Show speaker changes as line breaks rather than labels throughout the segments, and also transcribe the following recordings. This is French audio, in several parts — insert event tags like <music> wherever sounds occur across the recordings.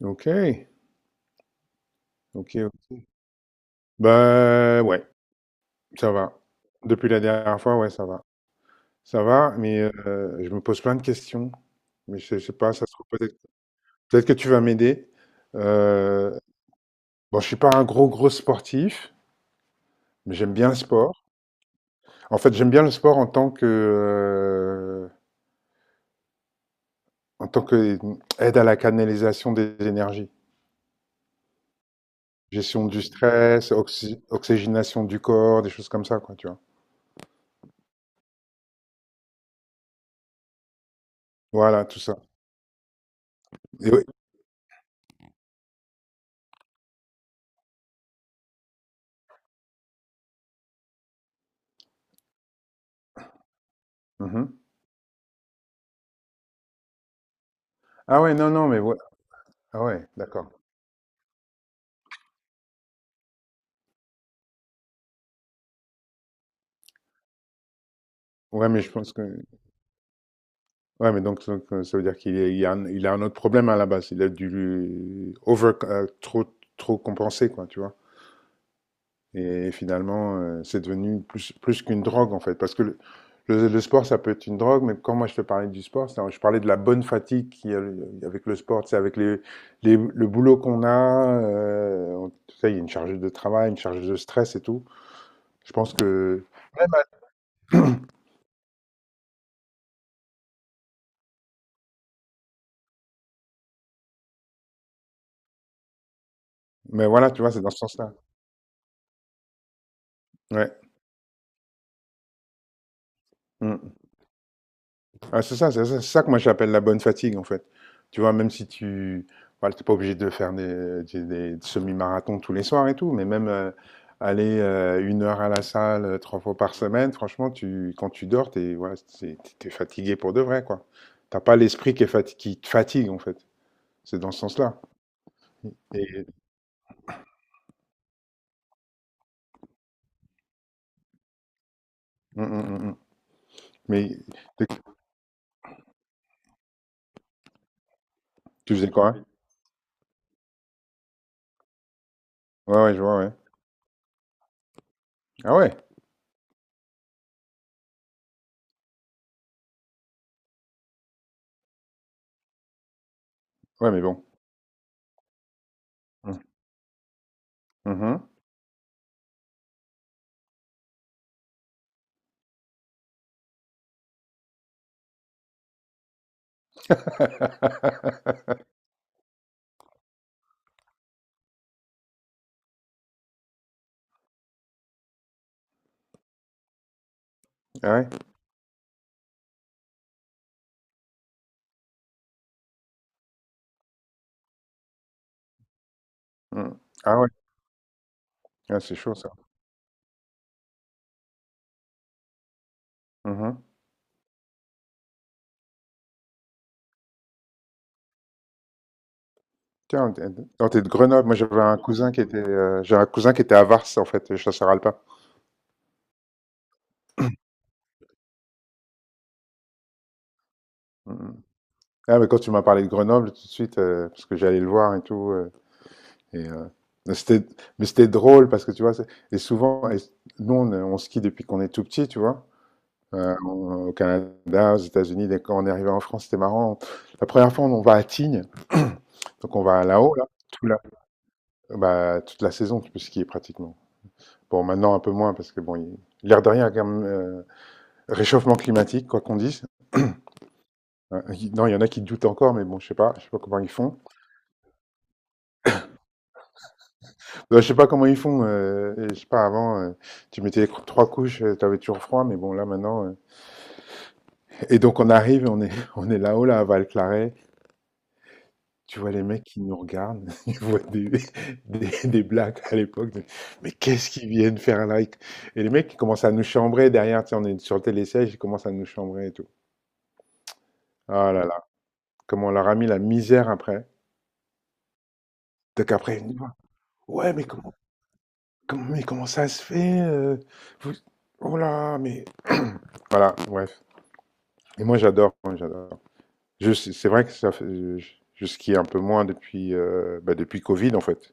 Ok, ok, ok. Bah ouais, ça va. Depuis la dernière fois, ouais, ça va. Ça va, mais je me pose plein de questions. Mais je sais pas, ça se trouve peut-être. Peut-être que tu vas m'aider. Euh, bon, je suis pas un gros gros sportif, mais j'aime bien le sport. En fait, j'aime bien le sport en tant que aide à la canalisation des énergies, gestion du stress, oxygénation du corps, des choses comme ça, quoi, tu vois. Voilà, tout ça. Et oui. Mhm. Ah ouais, non, non, mais ouais, ah ouais, d'accord. Ouais, mais je pense que. Ouais, mais donc, ça veut dire il y a il a un autre problème à la base. Il a dû over, euh, trop, trop compenser, quoi, tu vois. Et finalement, c'est devenu plus qu'une drogue, en fait. Parce que le sport, ça peut être une drogue, mais quand moi je te parlais du sport, je parlais de la bonne fatigue qu'il y a avec le sport, c'est avec le boulot qu'on a. Tu sais, il y a une charge de travail, une charge de stress et tout. Je pense que. Mais voilà, tu vois, c'est dans ce sens-là. Ouais. Mmh. Ah, c'est ça, c'est ça, c'est ça que moi j'appelle la bonne fatigue en fait. Tu vois, même si tu voilà, t'es pas obligé de faire des semi-marathons tous les soirs et tout, mais même aller 1 heure à la salle trois fois par semaine, franchement, quand tu dors, t'es voilà, c'est- t'es- t'es fatigué pour de vrai, quoi. T'as pas l'esprit qui est qui te fatigue en fait. C'est dans ce sens-là. Et- Mm, mm, mm, mm. Mais t'es- tu faisais quoi, hein? Ouais, ouais, je vois, ouais. Ah ouais, ouais, mais bon. Mm. Mhm. <laughs> Ah ouais, mm. Ah ouais, ah, c'est chaud ça. Mhm. Tiens, t'es oh, t'es de Grenoble. Moi, j'ai un cousin qui était à Vars, en fait, chasseur alpin. Mhm. Ah, mais quand tu m'as parlé de Grenoble, tout de suite, parce que j'allais le voir et tout. Et euh, mais c'était, mais c'était drôle parce que tu vois, et nous, on skie depuis qu'on est tout petit, tu vois. Au Canada, aux États-Unis, dès qu'on est arrivé en France, c'était marrant. La première fois, on va à Tignes, donc on va là-haut, là, tout là. Bah, toute la saison, tu peux skier pratiquement. Bon, maintenant un peu moins parce que bon, l'air de rien, quand même. Réchauffement climatique, quoi qu'on dise. Non, il y en a qui doutent encore, mais bon, je sais pas comment ils font. Je sais pas comment ils font. Et je sais pas, avant, tu mettais trois couches, tu avais toujours froid, mais bon, là maintenant. Et donc on arrive, <laughs> on est là-haut, là, à Val-Claret. Tu vois les mecs qui nous regardent, <laughs> ils voient des blagues à l'époque. De, Mais qu'est-ce qu'ils viennent faire là? Et les mecs, qui commencent à nous chambrer derrière, tu sais, on est sur le télésiège, ils commencent à nous chambrer et tout. Ah là là, comment on leur a mis la misère après. Donc après, ils nous disent, ouais, mais comment, mais comment ça se fait vous- oh là, mais. Voilà, bref. Et moi, j'adore, moi, j'adore. C'est vrai que ça fait. Je, je skie un peu moins depuis Covid, en fait.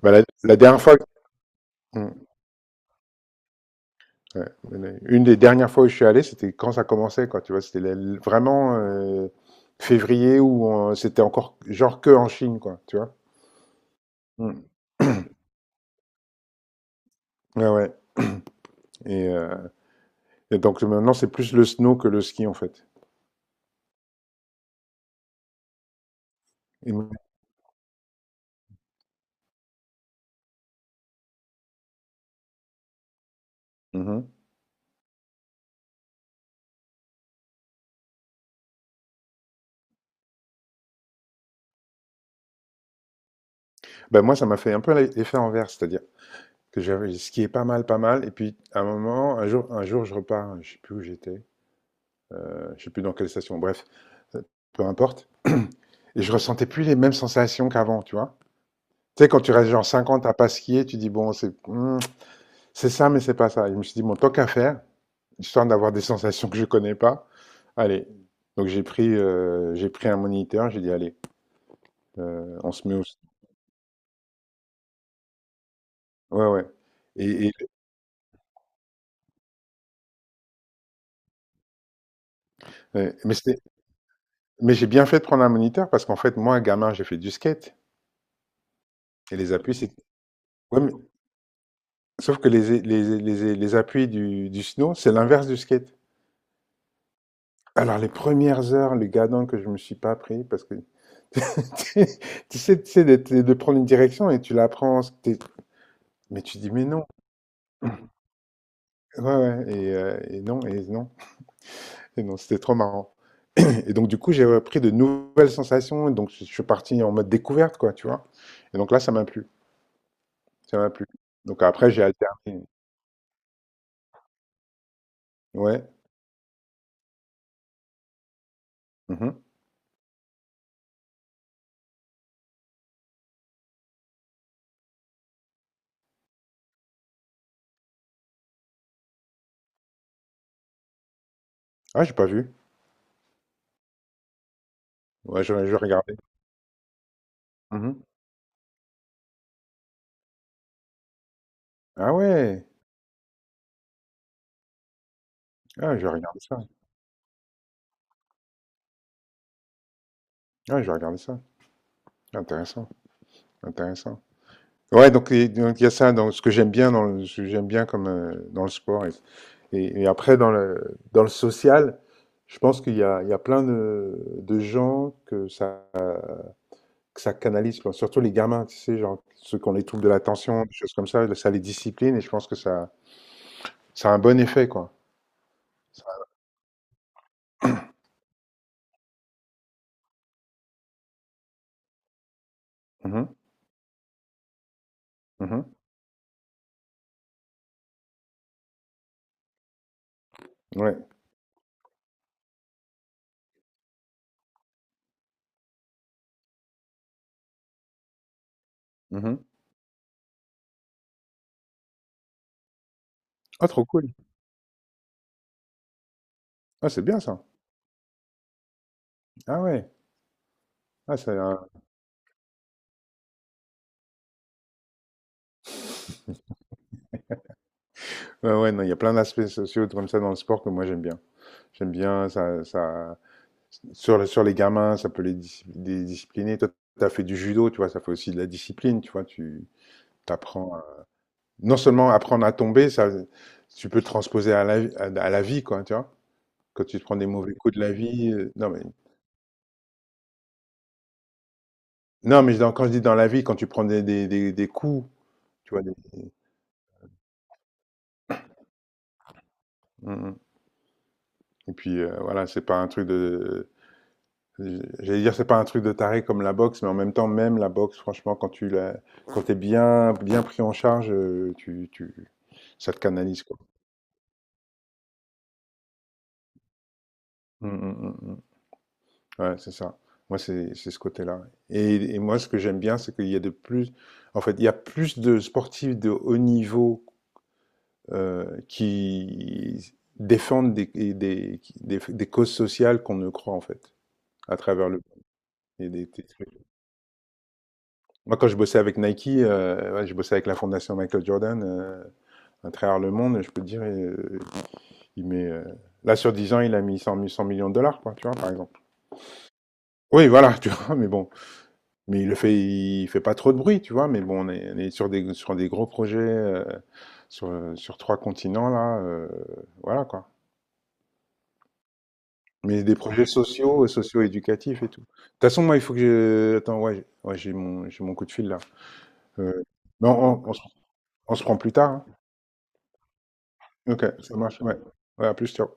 Bah, la dernière fois. Hmm, ouais. Une des dernières fois où je suis allé, c'était quand ça commençait, quoi. Tu vois, c'était vraiment février où c'était encore genre que en Chine, quoi. Tu vois? Hmm. <clears throat> Ouais, ouais. Et, euh, et donc maintenant, c'est plus le snow que le ski, en fait. Et- Mhm. Bah, moi, ça m'a fait un peu l'effet envers, c'est-à-dire que j'avais skié pas mal, pas mal. Et puis, à un moment, un jour je repars, je sais plus où j'étais, je sais plus dans quelle station, bref, euh, peu importe. Et je ressentais plus les mêmes sensations qu'avant, tu vois. Tu sais, quand tu restes genre 50 à pas skier, tu dis, bon, c'est ça, mais c'est pas ça. Et je me suis dit, bon, tant qu'à faire, histoire d'avoir des sensations que je connais pas, allez. Donc, j'ai pris un moniteur, j'ai dit, allez, on se met au. Ouais, ouais. Et, et- ouais. Mais, mais j'ai bien fait de prendre un moniteur parce qu'en fait, moi, gamin, j'ai fait du skate. Et les appuis, c'est. Sauf que les appuis du snow, c'est l'inverse du skate. Alors, les premières heures, le gadon que je me suis pas pris, parce que <laughs> tu sais de prendre une direction et tu la prends, mais tu dis, mais non, ouais, ouais, et non, et non, et non, c'était trop marrant. <clears throat> Et donc, du coup, j'ai repris de nouvelles sensations, et donc je suis parti en mode découverte, quoi, tu vois. Et donc là, ça m'a plu, ça m'a plu. Donc après, j'ai alterné. Ouais. Mhm. Ah, j'ai pas vu. Ouais, je regardais. Mhm. Ah ouais. Ah, je vais regarder ça. Ah, je vais regarder ça. Intéressant, intéressant. Ouais, donc, il y a ça dans ce que j'aime bien dans ce que j'aime bien comme dans le sport et, et après dans le social, je pense qu'il y a plein de gens que ça canalise quoi. Surtout les gamins, tu sais, genre ceux qui ont les troubles de l'attention, des choses comme ça les discipline et je pense que ça a un bon effet quoi. Ça- Mhm, mhm, ouais. Mhm. Ah, trop cool. Ah, c'est bien ça. Ah ouais. Ah, ouais, ouais, non, il y a plein d'aspects sociaux comme ça dans le sport que moi j'aime bien. J'aime bien ça, sur les gamins, ça peut les, les discipliner. Toi, tu as fait du judo, tu vois, ça fait aussi de la discipline, tu vois, t'apprends à- non seulement apprendre à tomber, ça tu peux transposer à la vie quoi, tu vois. Quand tu te prends des mauvais coups de la vie, non mais non mais quand je dis dans la vie, quand tu prends des coups, tu vois mm, mm. Et puis voilà, c'est pas un truc de j'allais dire, c'est pas un truc de taré comme la boxe, mais en même temps, même la boxe, franchement, quand t'es bien, bien pris en charge, tu, ça te canalise, quoi. Mm, mm, mm, mm. Ouais, c'est ça. Moi, c'est ce côté-là. Et, moi, ce que j'aime bien, c'est qu'il y a de plus, en fait, il y a plus de sportifs de haut niveau qui défendent des, et des, qui- des causes sociales qu'on ne croit, en fait, à travers le, et des trucs. Moi, quand je bossais avec Nike, ouais, je bossais avec la fondation Michael Jordan. À travers le monde, je peux te dire, il met. Là, sur 10 ans, il a mis 100, 100 millions de dollars, quoi, tu vois, par exemple. Oui, voilà, <laughs> tu vois, mais bon. Mais il fait pas trop de bruit, tu vois, mais bon, on est sur des gros projets, sur, sur trois continents, là, voilà, quoi. Mais des projets sociaux, socio-éducatifs et tout. De toute façon, moi, il faut que je. Attends, ouais, ouais, j'ai mon coup de fil, là. Euh, mais on se prend plus tard, hein. Ok, ça marche, ouais. Ouais, à plus, ciao.